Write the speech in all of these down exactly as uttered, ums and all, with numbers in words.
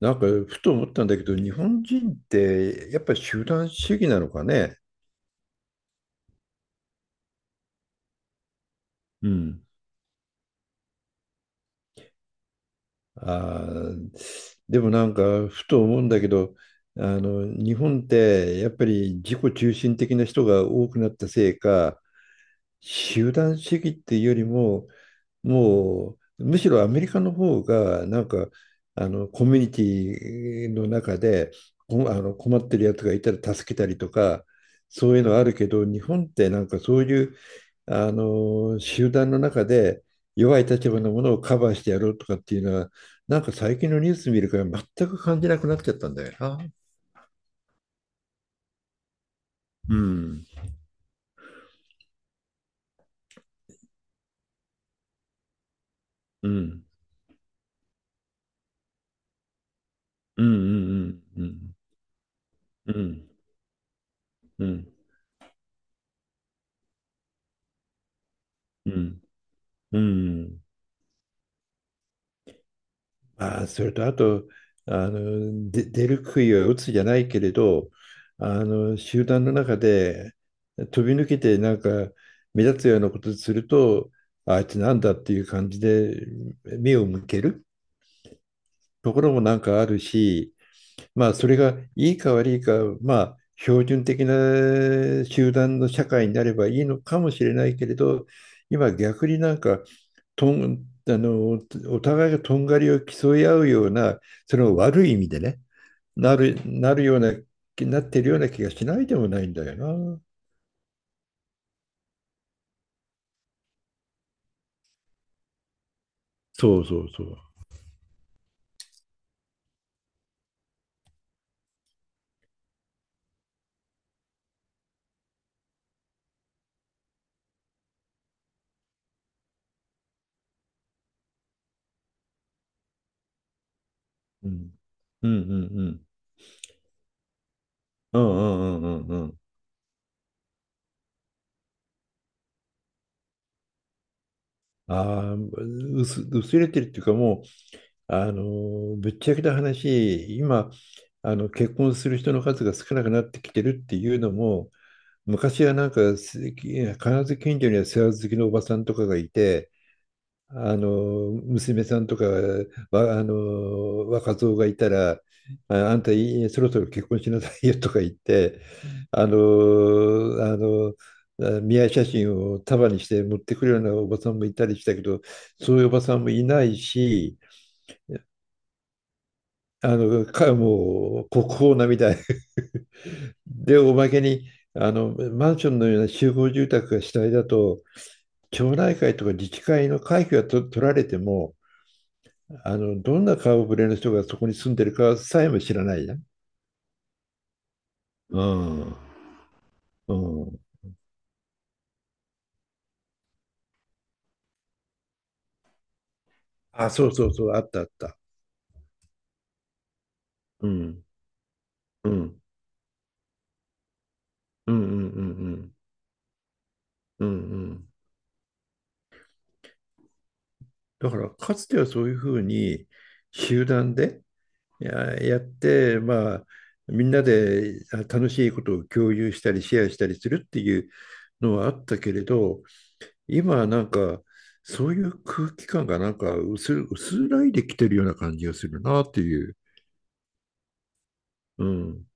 なんか、ふと思ったんだけど、日本人って、やっぱり集団主義なのかね。うん。あー、でもなんか、ふと思うんだけど、あの、日本って、やっぱり自己中心的な人が多くなったせいか、集団主義っていうよりも、もう、むしろアメリカの方が、なんか、あの、コミュニティの中で、こあの、困ってるやつがいたら助けたりとか、そういうのあるけど、日本ってなんかそういう、あの集団の中で弱い立場のものをカバーしてやろうとかっていうのは、なんか最近のニュース見るから全く感じなくなっちゃったんだよな。うん。うん。うん。うん。うん。うん。うん。うん。うん。まあそれとあと、あので、出る杭は打つじゃないけれど、あの集団の中で飛び抜けてなんか目立つようなことすると、あいつなんだっていう感じで目を向ける。ところもなんかあるし、まあそれがいいか悪いか、まあ標準的な集団の社会になればいいのかもしれないけれど、今逆になんか、とん、あの、お互いがとんがりを競い合うような、その悪い意味でね、なる、なるような、なってるような気がしないでもないんだよな。そうそうそう。うん。うん。うん。うん。うん。うん。うん。うん。うん。ああ、薄、薄れてるっていうかもう、あの、ぶっちゃけた話、今、あの、結婚する人の数が少なくなってきてるっていうのも、昔はなんか、す必ず近所には世話好きのおばさんとかがいて、あの、娘さんとか、わ、あの、若造がいたら、あ、あんたいいそろそろ結婚しなさいよとか言って、あの、あの、あ見合い写真を束にして持ってくるようなおばさんもいたりしたけど、そういうおばさんもいないし、あの、か、もう国宝なみたい。で、おまけに、あの、マンションのような集合住宅が主体だと、町内会とか自治会の会費がと取られても、あの、どんな顔ぶれの人がそこに住んでるかさえも知らないじゃん。うん。うん。あ、そうそうそう、あったあった。うん。うん。うん。うん。うん。うん。うん。うん。だから、かつてはそういうふうに集団で、いや、やって、まあ、みんなであ楽しいことを共有したり、シェアしたりするっていうのはあったけれど、今はなんか、そういう空気感がなんか薄、薄らいできてるような感じがするなっていう。うん。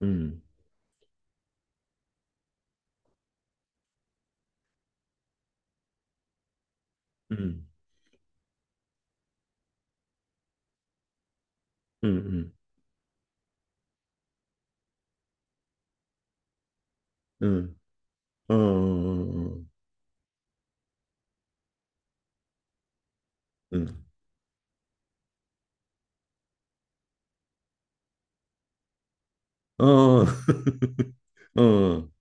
うん。うん。うん。うん。うん。うん。うん。うん。うん。うん。うん。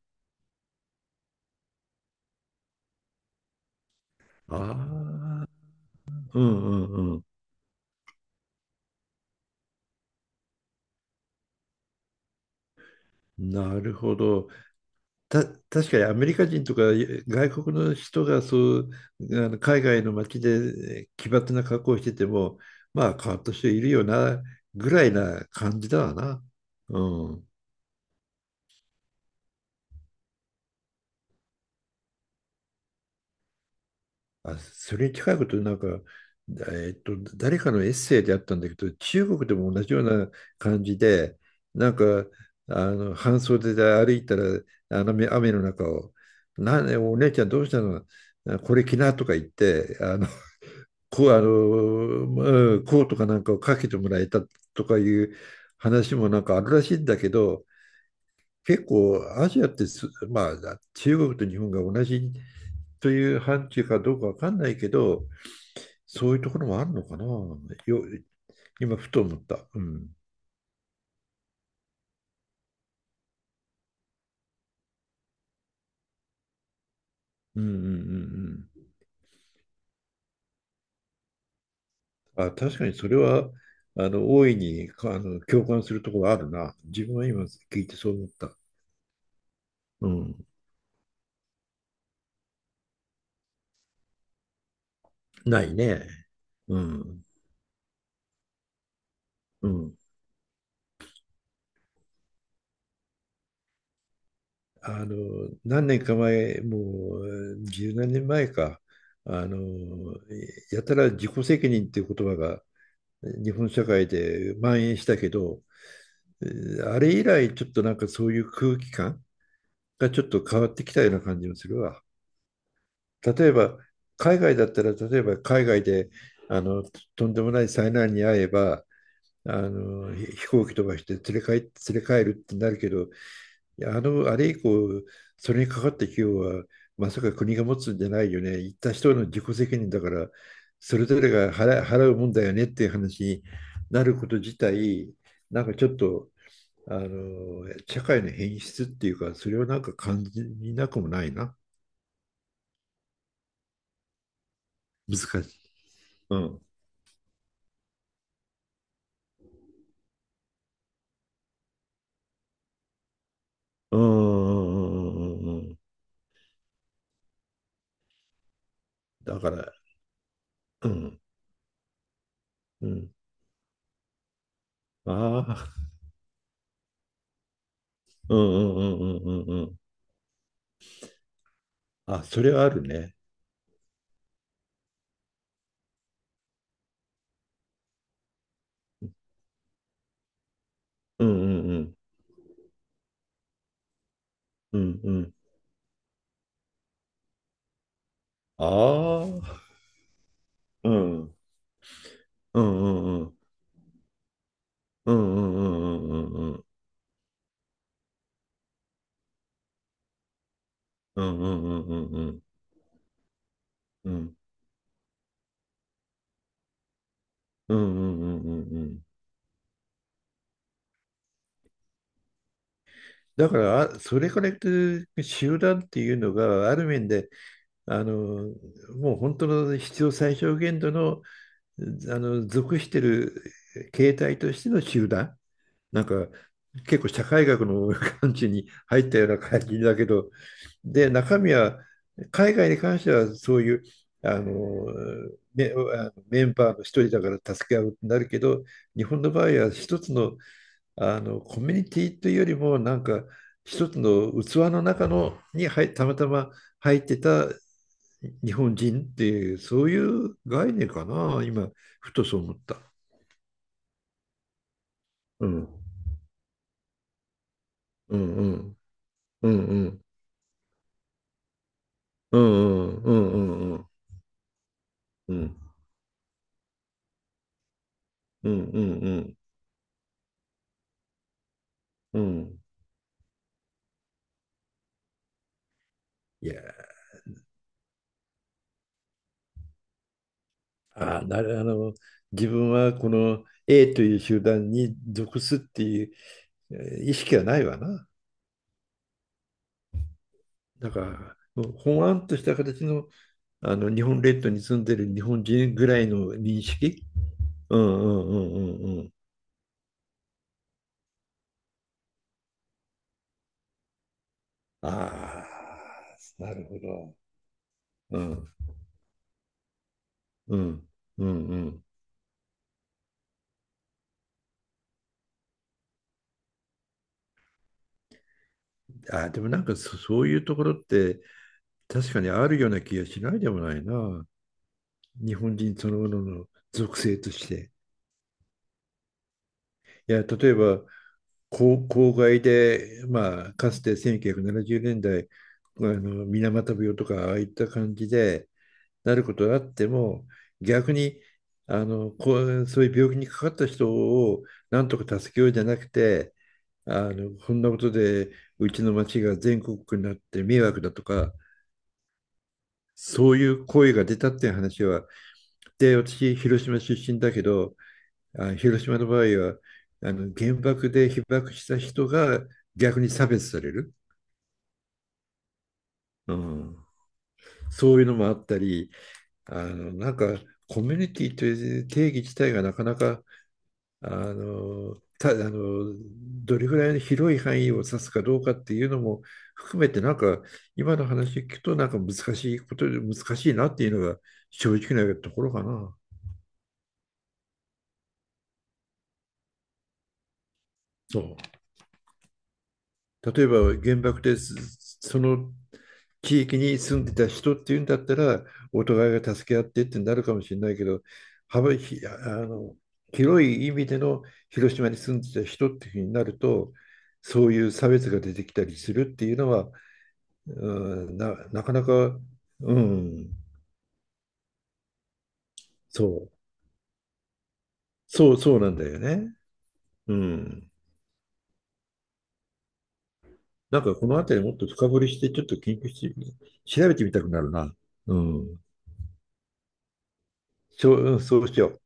ああ。うん。うん。うん。なるほど。た、確かにアメリカ人とか外国の人がそう、あの海外の街でえー奇抜な格好をしてても、まあ変わった人いるよなぐらいな感じだわな。うん。あ、それに近いことなんか、えーっと、誰かのエッセイであったんだけど、中国でも同じような感じでなんか、あの半袖で歩いたら、あの雨雨の中を、「なお姉ちゃんどうしたの、あこれ着な」とか言って、あのこう、あの、うんこうとかなんかをかけてもらえたとかいう話もなんかあるらしいんだけど、結構アジアってす、まあ、中国と日本が同じという範疇かどうかわかんないけど、そういうところもあるのかな。よ、今、ふと思った。うん。うん。うん。うん。うん。あ、確かにそれは、あの、大いに、かあの、共感するところあるな。自分は今聞いてそう思った。うん。ないね。うん。うん。あの、何年か前、もう十何年前か、あの、やたら自己責任っていう言葉が日本社会で蔓延したけど、えーあれ以来ちょっとなんかそういう空気感がちょっと変わってきたような感じもするわ。例えば、海外だったら、例えば海外で、あの、とんでもない災難に遭えば、あの、飛行機飛ばして連れ帰、連れ帰るってなるけど、いや、あの、あれ以降、それにかかった費用は、まさか国が持つんじゃないよね。行った人の自己責任だから、それぞれが払、払うもんだよねっていう話になること自体、なんかちょっと、あの、社会の変質っていうか、それをなんか感じなくもないな。難しい。うん。うん。うん。うん。うん。うん。うん。だから、うん。うん。ああ。うん。うん。うん。うん。うん。うん。あ、それはあるね。うん。うん。うん。うん。うん。ああ。うん。うん。うん。うん。うん。うん。うん。うん。うん。うん。うん。うん。うん。うん。うん。うん。うん。だからあ、それから言って、集団っていうのがある面で、あのもう本当の必要最小限度の、あの属してる形態としての集団、なんか結構社会学の感じに入ったような感じだけど、で、中身は、海外に関してはそういう、あのメ、あのメンバーの一人だから助け合うってなるけど、日本の場合は一つの、あのコミュニティというよりも、なんか一つの器の中のに入たまたま入ってた日本人っていう、そういう概念かな、今ふとそう思った。うん。うん。うん。うん。うん。うん。うん。うん。うん。うん。うん。うん。うん。うん。いや、あなる、あの、自分はこの A という集団に属すっていう、えー意識はないわな。だから、もうほわんとした形の、あの日本列島に住んでる日本人ぐらいの認識。うん。うん。うん。うん。うん。ああ、なるほど。うん。うん。うん。うん。あー、でもなんか、そ、そういうところって確かにあるような気がしないでもないな。日本人そのものの属性として。いや、例えば、郊郊外で、まあ、かつてせんきゅうひゃくななじゅうねんだい、あの水俣病とか、ああいった感じでなることがあっても、逆にあのこう、そういう病気にかかった人をなんとか助けようじゃなくて、あのこんなことでうちの町が全国区になって迷惑だとか、そういう声が出たっていう話は、で、私、広島出身だけど、あ、広島の場合は、あの原爆で被爆した人が逆に差別される、うん、そういうのもあったり、あのなんかコミュニティという定義自体がなかなか、あのたあのどれぐらいの広い範囲を指すかどうかっていうのも含めて、なんか今の話聞くと、なんか難しいことで難しいなっていうのが正直なところかな。そう。例えば原爆でその地域に住んでた人っていうんだったら、お互いが助け合ってってなるかもしれないけど、幅ひあの広い意味での広島に住んでた人っていうふうになると、そういう差別が出てきたりするっていうのは、うん、な、なかなか、うん、そう、そう、そうなんだよね。うん。なんかこの辺りもっと深掘りしてちょっと研究して調べてみたくなるな。うん。そう、うん、そうしよう。